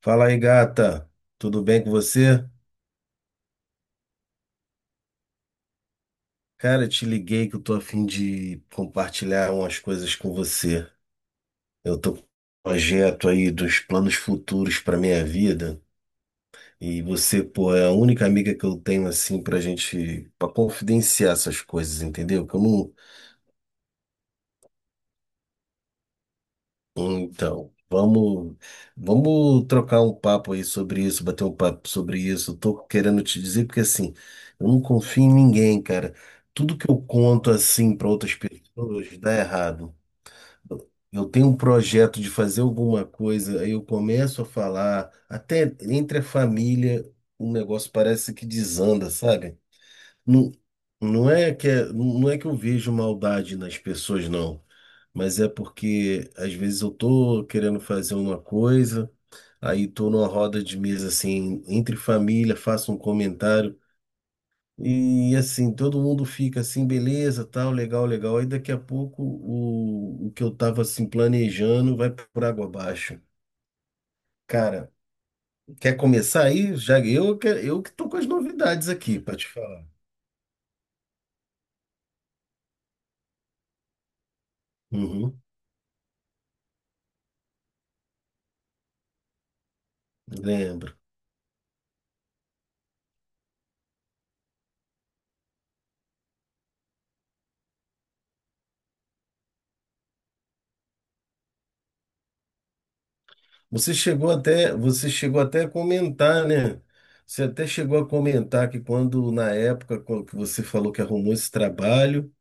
Fala aí, gata. Tudo bem com você? Cara, eu te liguei que eu tô a fim de compartilhar umas coisas com você. Eu tô com um projeto aí dos planos futuros para minha vida e você, pô, é a única amiga que eu tenho assim pra gente, pra confidenciar essas coisas, entendeu? Que eu não... Então, vamos trocar um papo aí sobre isso, bater um papo sobre isso. Eu tô querendo te dizer porque assim, eu não confio em ninguém, cara. Tudo que eu conto assim para outras pessoas dá errado. Eu tenho um projeto de fazer alguma coisa, aí eu começo a falar, até entre a família, o negócio parece que desanda, sabe? Não, não é que não é que eu vejo maldade nas pessoas, não, mas é porque às vezes eu tô querendo fazer uma coisa, aí tô numa roda de mesa assim, entre família, faço um comentário e assim, todo mundo fica assim, beleza, tal, legal, legal. Aí daqui a pouco o que eu tava assim planejando vai por água abaixo. Cara, quer começar aí? Já eu, eu que tô com as novidades aqui pra te falar. Uhum, lembro. Você chegou até a comentar, né? Você até chegou a comentar que quando, na época quando que você falou que arrumou esse trabalho,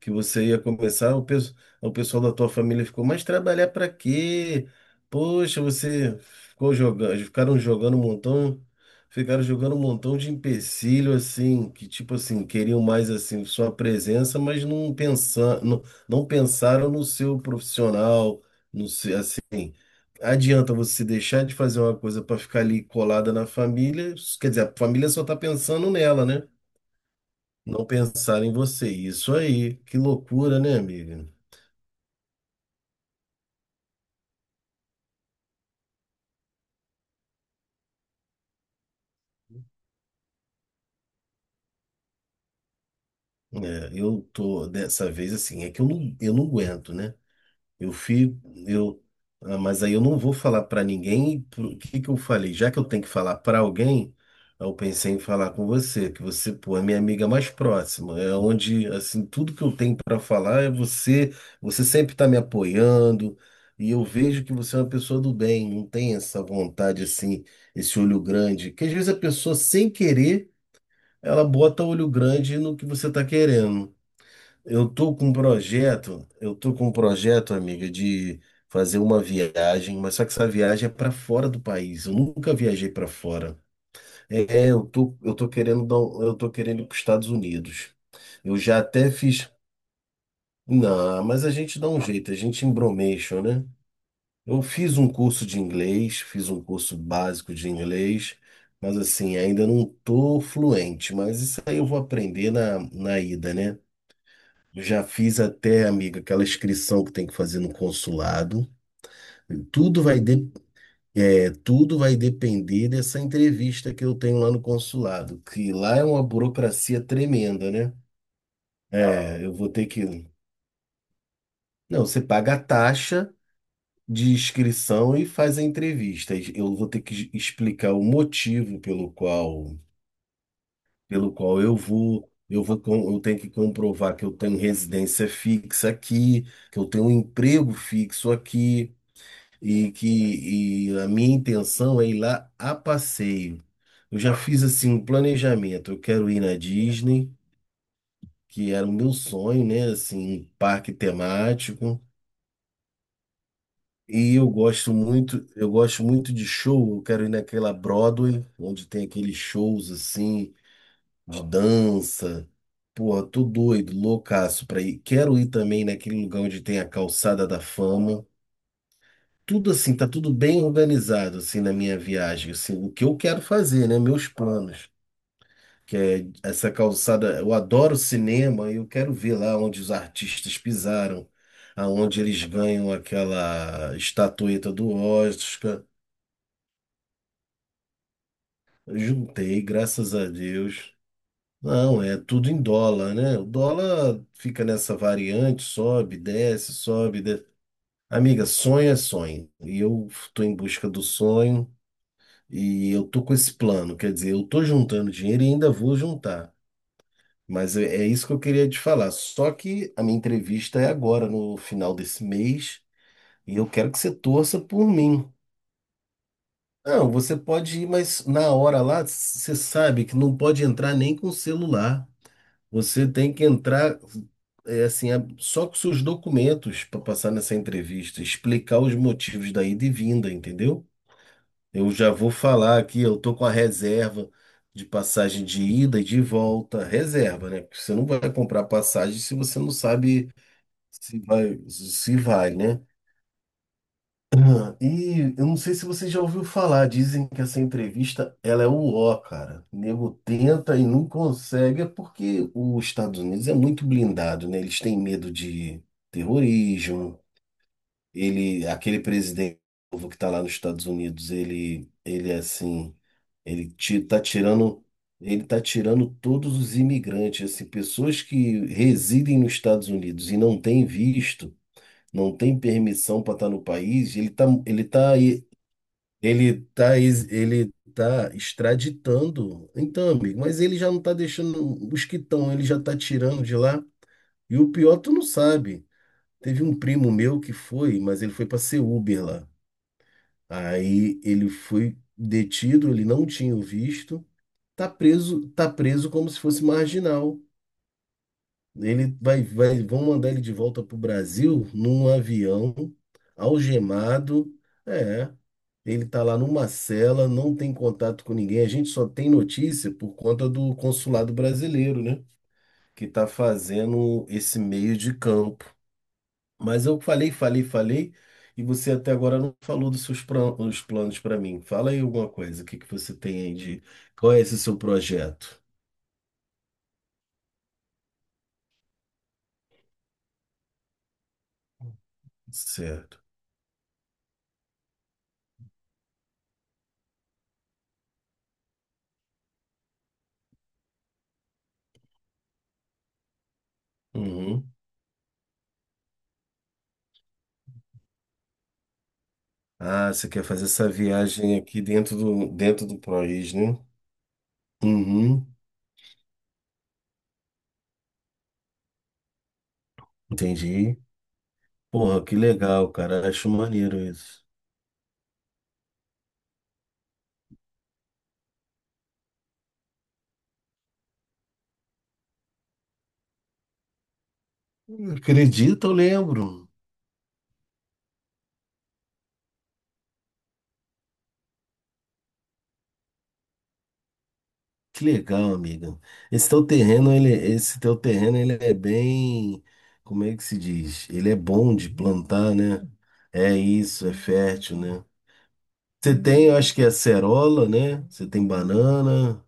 que você ia começar, o pessoal da tua família ficou, mas trabalhar para quê? Poxa, você ficaram jogando um montão, ficaram jogando um montão de empecilho assim, que tipo assim, queriam mais assim sua presença, mas não pensar, não, não pensaram no seu profissional, no seu, assim... Adianta você deixar de fazer uma coisa para ficar ali colada na família? Quer dizer, a família só está pensando nela, né? Não pensar em você. Isso aí. Que loucura, né, amiga? É, eu tô dessa vez assim, é que eu não aguento, né? Eu fico, eu, mas aí eu não vou falar para ninguém. O que que eu falei? Já que eu tenho que falar para alguém, eu pensei em falar com você, que você, pô, é minha amiga mais próxima. É onde, assim, tudo que eu tenho para falar é você. Você sempre está me apoiando e eu vejo que você é uma pessoa do bem. Não tem essa vontade assim, esse olho grande. Que às vezes a pessoa sem querer, ela bota olho grande no que você está querendo. Eu tô com um projeto, eu tô com um projeto, amiga, de fazer uma viagem, mas só que essa viagem é para fora do país. Eu nunca viajei para fora. É, eu tô querendo dar, eu tô querendo ir para os Estados Unidos. Eu já até fiz... não, mas a gente dá um jeito, a gente embromation, né? Eu fiz um curso de inglês, fiz um curso básico de inglês, mas assim, ainda não tô fluente, mas isso aí eu vou aprender na ida, né? Eu já fiz até, amiga, aquela inscrição que tem que fazer no consulado. Tudo vai, de, tudo vai depender dessa entrevista que eu tenho lá no consulado, que lá é uma burocracia tremenda, né? Ah, é, eu vou ter que... Não, você paga a taxa de inscrição e faz a entrevista. Eu vou ter que explicar o motivo pelo qual eu vou. Eu tenho que comprovar que eu tenho residência fixa aqui, que eu tenho um emprego fixo aqui, e que a minha intenção é ir lá a passeio. Eu já fiz assim um planejamento. Eu quero ir na Disney, que era o meu sonho, né? Assim, um parque temático. E eu gosto muito de show. Eu quero ir naquela Broadway, onde tem aqueles shows assim de dança. Porra, tô doido, loucaço pra ir. Quero ir também naquele lugar onde tem a Calçada da Fama. Tudo assim, tá tudo bem organizado assim na minha viagem, assim, o que eu quero fazer, né, meus planos, que é essa calçada, eu adoro cinema, e eu quero ver lá onde os artistas pisaram, aonde eles ganham aquela estatueta do Oscar. Eu juntei, graças a Deus. Não, é tudo em dólar, né? O dólar fica nessa variante, sobe, desce, sobe, desce. Amiga, sonho é sonho. E eu estou em busca do sonho. E eu tô com esse plano, quer dizer, eu tô juntando dinheiro e ainda vou juntar. Mas é isso que eu queria te falar. Só que a minha entrevista é agora, no final desse mês, e eu quero que você torça por mim. Não, você pode ir, mas na hora lá, você sabe que não pode entrar nem com o celular. Você tem que entrar, é assim, só com seus documentos para passar nessa entrevista, explicar os motivos da ida e vinda, entendeu? Eu já vou falar aqui, eu tô com a reserva de passagem de ida e de volta, reserva, né? Porque você não vai comprar passagem se você não sabe se vai, né? E eu não sei se você já ouviu falar, dizem que essa entrevista, ela é o ó, cara. O nego tenta e não consegue, é porque os Estados Unidos é muito blindado, né? Eles têm medo de terrorismo. Ele, aquele presidente novo que está lá nos Estados Unidos, ele é assim, ele tá tirando, ele tá tirando todos os imigrantes, assim, pessoas que residem nos Estados Unidos e não têm visto, não têm permissão para estar no país, ele tá extraditando. Então, amigo, mas ele já não tá deixando os que estão, ele já tá tirando de lá. E o pior, tu não sabe. Teve um primo meu que foi, mas ele foi para ser Uber lá. Aí ele foi detido, ele não tinha o visto, tá preso como se fosse marginal. Ele vão mandar ele de volta para o Brasil num avião, algemado. É, ele tá lá numa cela, não tem contato com ninguém. A gente só tem notícia por conta do consulado brasileiro, né? Que tá fazendo esse meio de campo. Mas eu falei, falei, falei, e você até agora não falou dos seus os planos para mim. Fala aí alguma coisa, o que que você tem aí de... Qual é esse seu projeto? Certo. Uhum. Ah, você quer fazer essa viagem aqui dentro do ProRiz, né? Uhum. Entendi. Porra, que legal, cara. Acho maneiro isso. Acredito, eu lembro. Que legal, amiga. Esse teu terreno, ele, esse teu terreno, ele é bem, como é que se diz? Ele é bom de plantar, né? É isso, é fértil, né? Você tem, eu acho que é acerola, né? Você tem banana.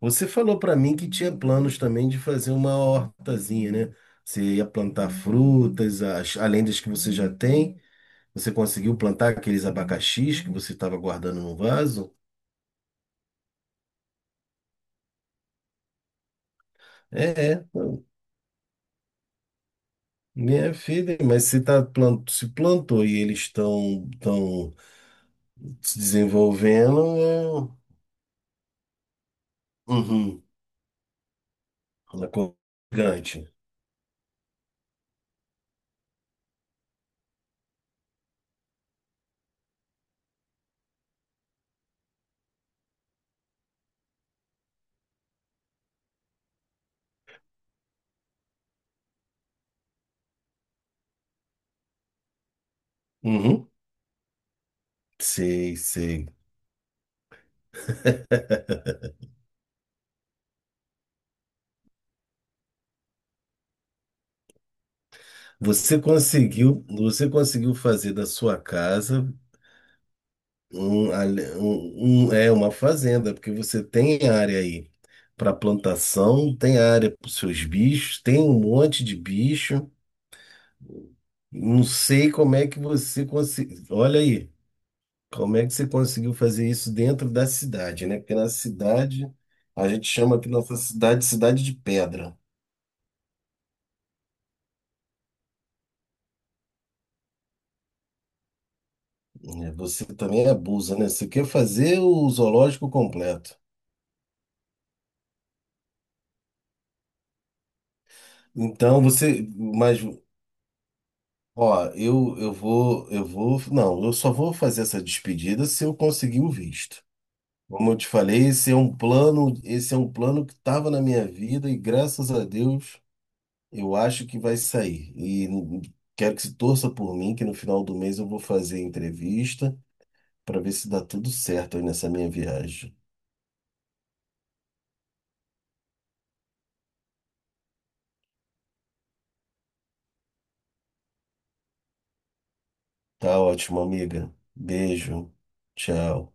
Você falou para mim que tinha planos também de fazer uma hortazinha, né? Você ia plantar frutas, além das que você já tem. Você conseguiu plantar aqueles abacaxis que você estava guardando no vaso? É, é, minha filha, mas se, se plantou e eles estão tão tão se desenvolvendo, é... Uhum, ela é gigante. Uhum, sei, sei. Você conseguiu fazer da sua casa... é uma fazenda, porque você tem área aí para plantação, tem área para os seus bichos, tem um monte de bicho. Não sei como é que você conseguiu. Olha aí, como é que você conseguiu fazer isso dentro da cidade, né? Porque na cidade, a gente chama aqui nossa cidade, cidade de pedra. Né? Você também abusa, né? Você quer fazer o zoológico completo. Então você, mas... ó, eu vou, não, eu só vou fazer essa despedida se eu conseguir o visto. Como eu te falei, esse é um plano que estava na minha vida e graças a Deus eu acho que vai sair. E quero que se torça por mim, que no final do mês eu vou fazer a entrevista para ver se dá tudo certo aí nessa minha viagem. Tá ótimo, amiga. Beijo. Tchau.